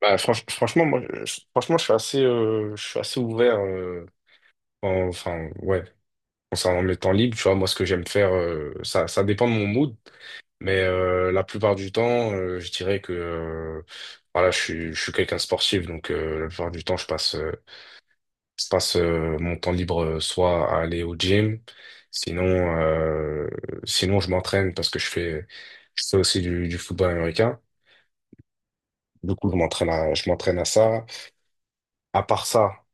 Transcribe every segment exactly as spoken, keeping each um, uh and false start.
Bah, franch- franchement, moi, je, franchement, je suis assez, euh, je suis assez ouvert. Euh, en- enfin, ouais, concernant mes temps libres, tu vois, moi, ce que j'aime faire, euh, ça, ça dépend de mon mood, mais euh, la plupart du temps, euh, je dirais que, euh, voilà, je suis, je suis quelqu'un de sportif, donc euh, la plupart du temps, je passe, euh, je passe euh, mon temps libre euh, soit à aller au gym, sinon, euh, sinon, je m'entraîne parce que je fais, je fais aussi du, du football américain. Du coup, je m'entraîne à, je m'entraîne à ça. À part ça.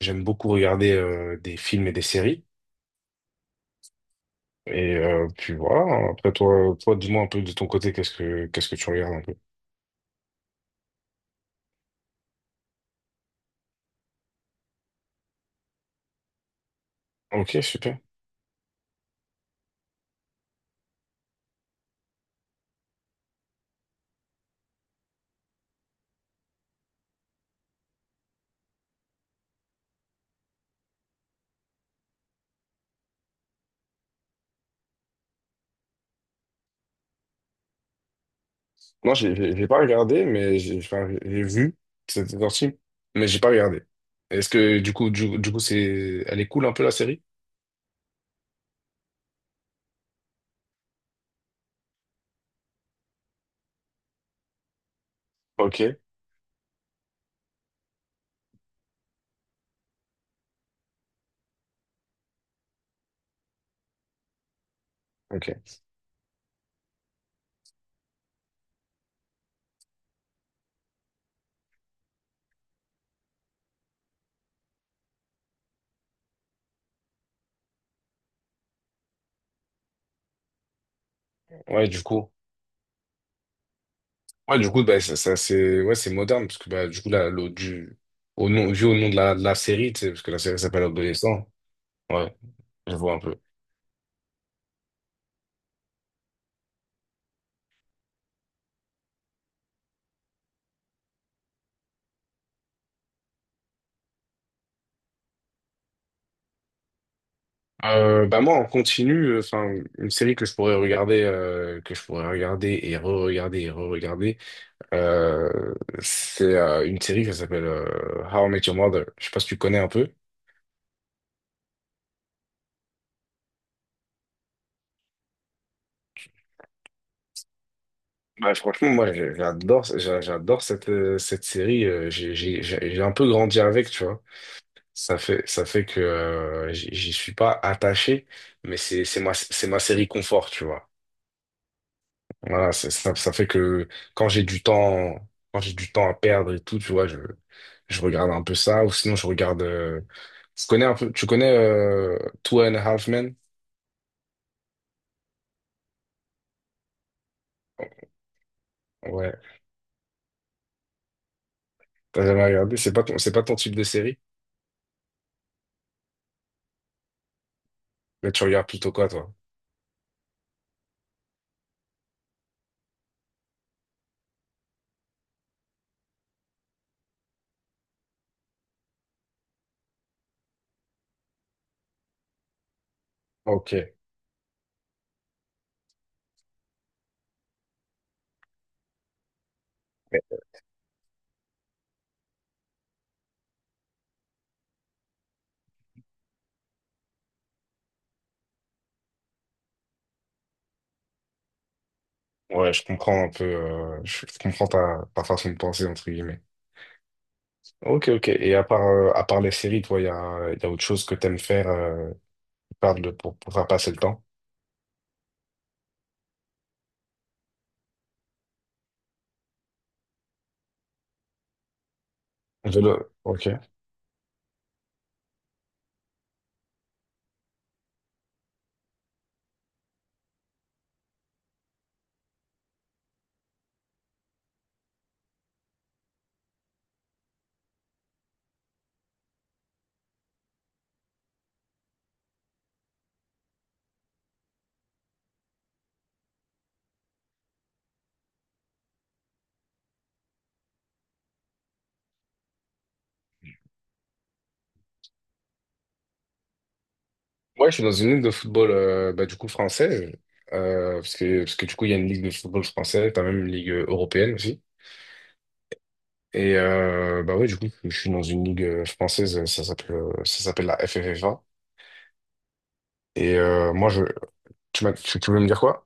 J'aime beaucoup regarder euh, des films et des séries. Et euh, puis voilà, après toi, toi dis-moi un peu de ton côté, qu'est-ce que qu'est-ce que tu regardes un peu? Ok, super. Non, j'ai j'ai- j'ai pas regardé, mais j'ai enfin, j'ai vu, c'était sorti, mais j'ai pas regardé. Est-ce que du coup, du, du coup, c'est elle est cool un peu la série? Ok, ok. Ouais, du coup. Ouais, du coup, bah, ça, ça, c'est ouais, c'est moderne, parce que bah, du coup, là, l'au- du, au nom, vu au nom de la, de la série, tu sais, parce que la série s'appelle Adolescent. Ouais, je vois un peu. Euh, bah moi en continu, euh, enfin une série que je pourrais regarder, euh, que je pourrais regarder et re-regarder et re-regarder, euh, c'est euh, une série qui s'appelle euh, How I Met Your Mother. Je sais pas si tu connais un peu. Bah franchement moi j'ai- j'adore, j'a- j'adore cette euh, cette série. euh, J'ai j'ai j'ai j'ai un peu grandi avec, tu vois. Ça fait ça fait que euh, j'y j'y suis pas attaché, mais c'est c'est ma c'est ma série confort, tu vois. Voilà, c'est- ça, ça fait que quand j'ai du temps, quand j'ai du temps à perdre et tout, tu vois, je, je regarde un peu ça, ou sinon je regarde. Euh, tu connais un peu, tu connais euh, Two and a Half Men? Ouais. T'as jamais regardé? C'est pas ton, c'est pas ton type de série? Mais tu regardes plutôt quoi, toi? Ok. Ouais, je comprends un peu, euh, je, je comprends ta, ta façon de penser, entre guillemets. Ok, ok. Et à part, euh, à part les séries, toi, il y a, y a autre chose que t'aimes faire euh, qui parle de- pour, pour faire passer le temps? Vélo. Ok. Ouais, je suis dans une ligue de football euh, bah, du coup française, euh, parce que, parce que du coup il y a une ligue de football française, t'as même une ligue euh, européenne aussi. Et euh, bah ouais, du coup je suis dans une ligue euh, française, ça s'appelle euh, ça s'appelle la F F F A. Et euh, moi je, tu m'as, tu, tu voulais me dire quoi?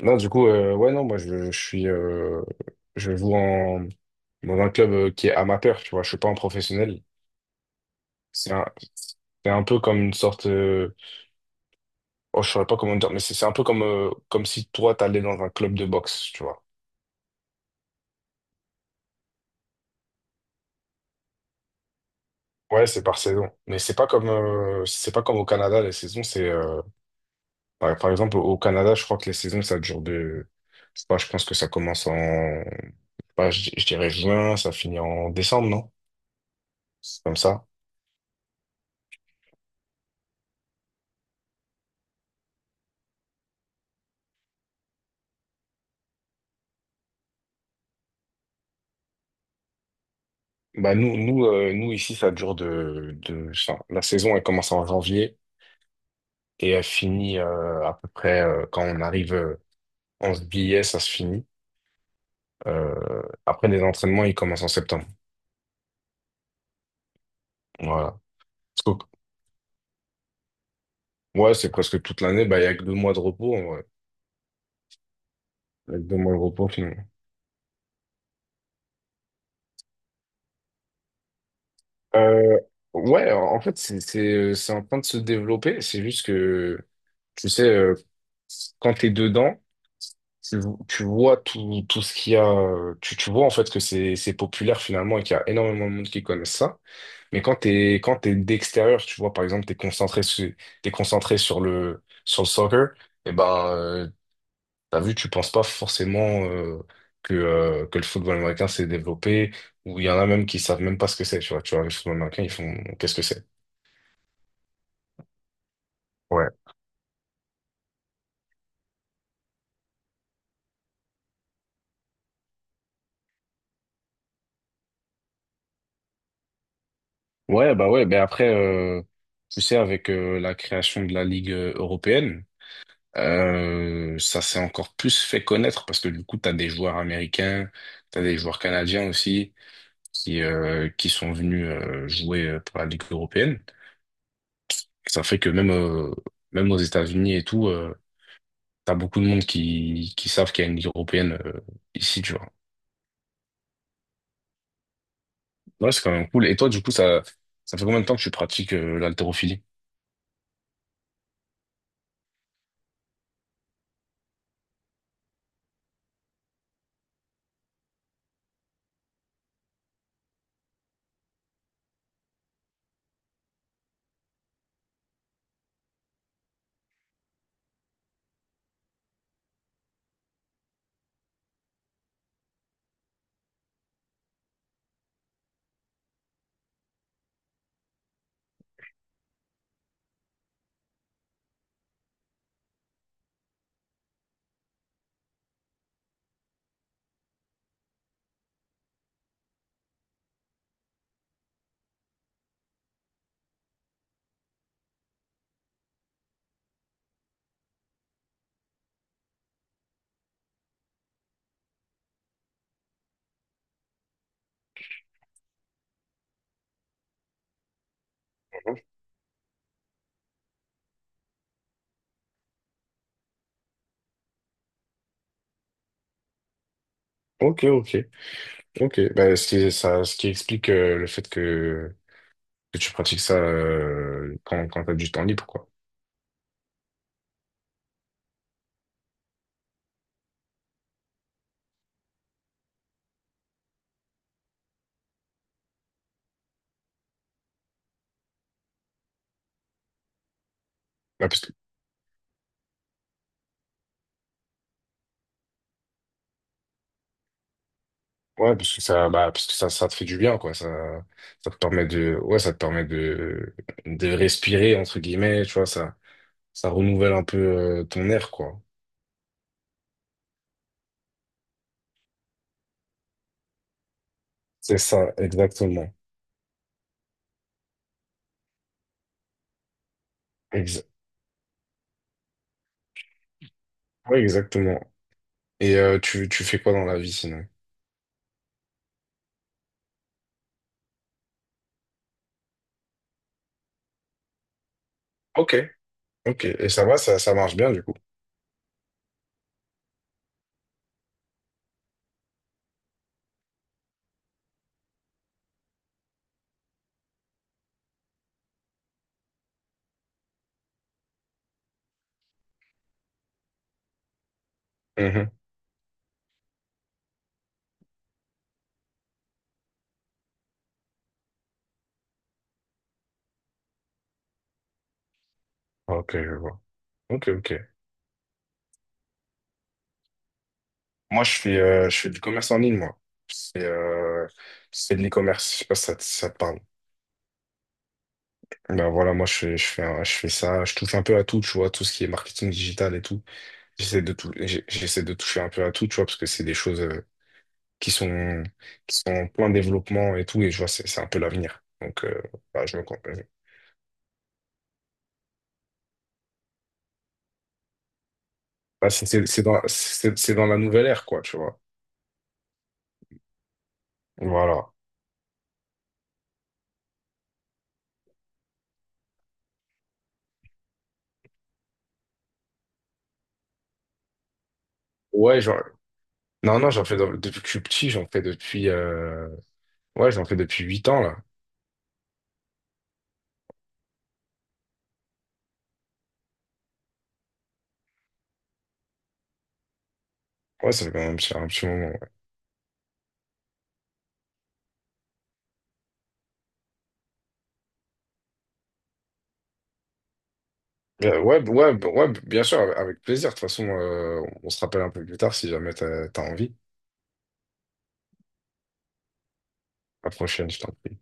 Non, du coup euh, ouais non, moi je, je suis, euh, je joue en dans un club euh, qui est amateur, tu vois, je suis pas un professionnel. C'est un, c'est un peu comme une sorte, euh, oh je saurais pas comment dire, mais c'est c'est un peu comme euh, comme si toi t'allais dans un club de boxe, tu vois. Ouais, c'est par saison. Mais c'est pas comme euh, c'est pas comme au Canada, les saisons, c'est euh, par, par exemple au Canada, je crois que les saisons, ça dure de je sais pas, je pense que ça commence en bah, je, je dirais juin, ça finit en décembre, non? C'est comme ça. Bah nous, nous, euh, nous ici, ça dure de, de enfin, la saison, elle commence en janvier et elle finit euh, à peu près euh, quand on arrive euh, en juillet, ça se finit. Euh, après les entraînements, ils commencent en septembre. Voilà. Parce que- Ouais, c'est presque toute l'année, bah il y a que deux mois de repos. Donne-moi le repos finalement. Euh, ouais, en fait, c'est c'est, euh, c'est en train de se développer. C'est juste que, tu sais, euh, quand t'es dedans, tu, tu vois tout, tout ce qu'il y a. euh, Tu, tu vois en fait que c'est c'est populaire finalement et qu'il y a énormément de monde qui connaissent ça. Mais quand t'es quand t'es d'extérieur, tu vois, par exemple, t'es concentré sur, t'es concentré sur le, sur le soccer, et ben, euh, t'as vu, tu penses pas forcément euh, que, euh, que le football américain s'est développé, ou il y en a même qui savent même pas ce que c'est, tu vois. Tu vois, le football américain, ils font qu'est-ce que c'est? Ouais. Ouais, bah ouais, mais après, euh, tu sais, avec euh, la création de la Ligue euh, européenne, euh, ça s'est encore plus fait connaître parce que du coup, t'as des joueurs américains, t'as des joueurs canadiens aussi qui, euh, qui sont venus euh, jouer euh, pour la Ligue européenne. Ça fait que même, euh, même aux États-Unis et tout, euh, t'as beaucoup de monde qui, qui savent qu'il y a une ligue européenne euh, ici, tu vois. Ouais, c'est quand même cool. Et toi, du coup, ça, ça fait combien de temps que tu pratiques euh, l'haltérophilie? Mhm. Ok, ok, ok. Bah, ce qui, ça, ce qui explique euh, le fait que, que tu pratiques ça euh, quand, quand t'as du temps libre, quoi. Bah, parce que, ouais, parce que ça, bah, Parce que ça, ça te fait du bien, quoi. Ça, ça te permet de, ouais, ça te permet de, de respirer, entre guillemets, tu vois, ça, ça renouvelle un peu euh, ton air, quoi. C'est ça, exactement. Ex- ouais, exactement. Et euh, tu, tu fais quoi dans la vie sinon? Ok, ok. Et ça va, ça, ça marche bien du coup. Mhm. Ok, je vois. Ok, ok. Moi, je fais, euh, je fais du commerce en ligne, moi. C'est euh, c'est de l'e-commerce. Je sais pas si ça, te- ça te parle. Ben voilà, moi, je fais, je fais, un- je fais ça. Je touche un peu à tout, tu vois, tout ce qui est marketing digital et tout. J'essaie de tout, j'ai- j'essaie de toucher un peu à tout, tu vois, parce que c'est des choses euh, qui sont, qui sont en plein développement et tout. Et je vois, c'est c'est un peu l'avenir. Donc, euh, bah, je me compte. Bah, c'est c'est- c'est dans, c'est c'est dans la nouvelle ère, quoi, tu vois. Voilà. Ouais, genre... Non, non, j'en fais dans- depuis que je suis petit, j'en fais depuis... euh, ouais, j'en fais depuis huit ans, là. Ouais, ça fait quand même un petit, un petit moment. Ouais, Euh, ouais, ouais, b- ouais, bien sûr, avec avec plaisir. De toute façon, euh, on se rappelle un peu plus tard si jamais t'as, t'as envie. À la prochaine, je t'en prie.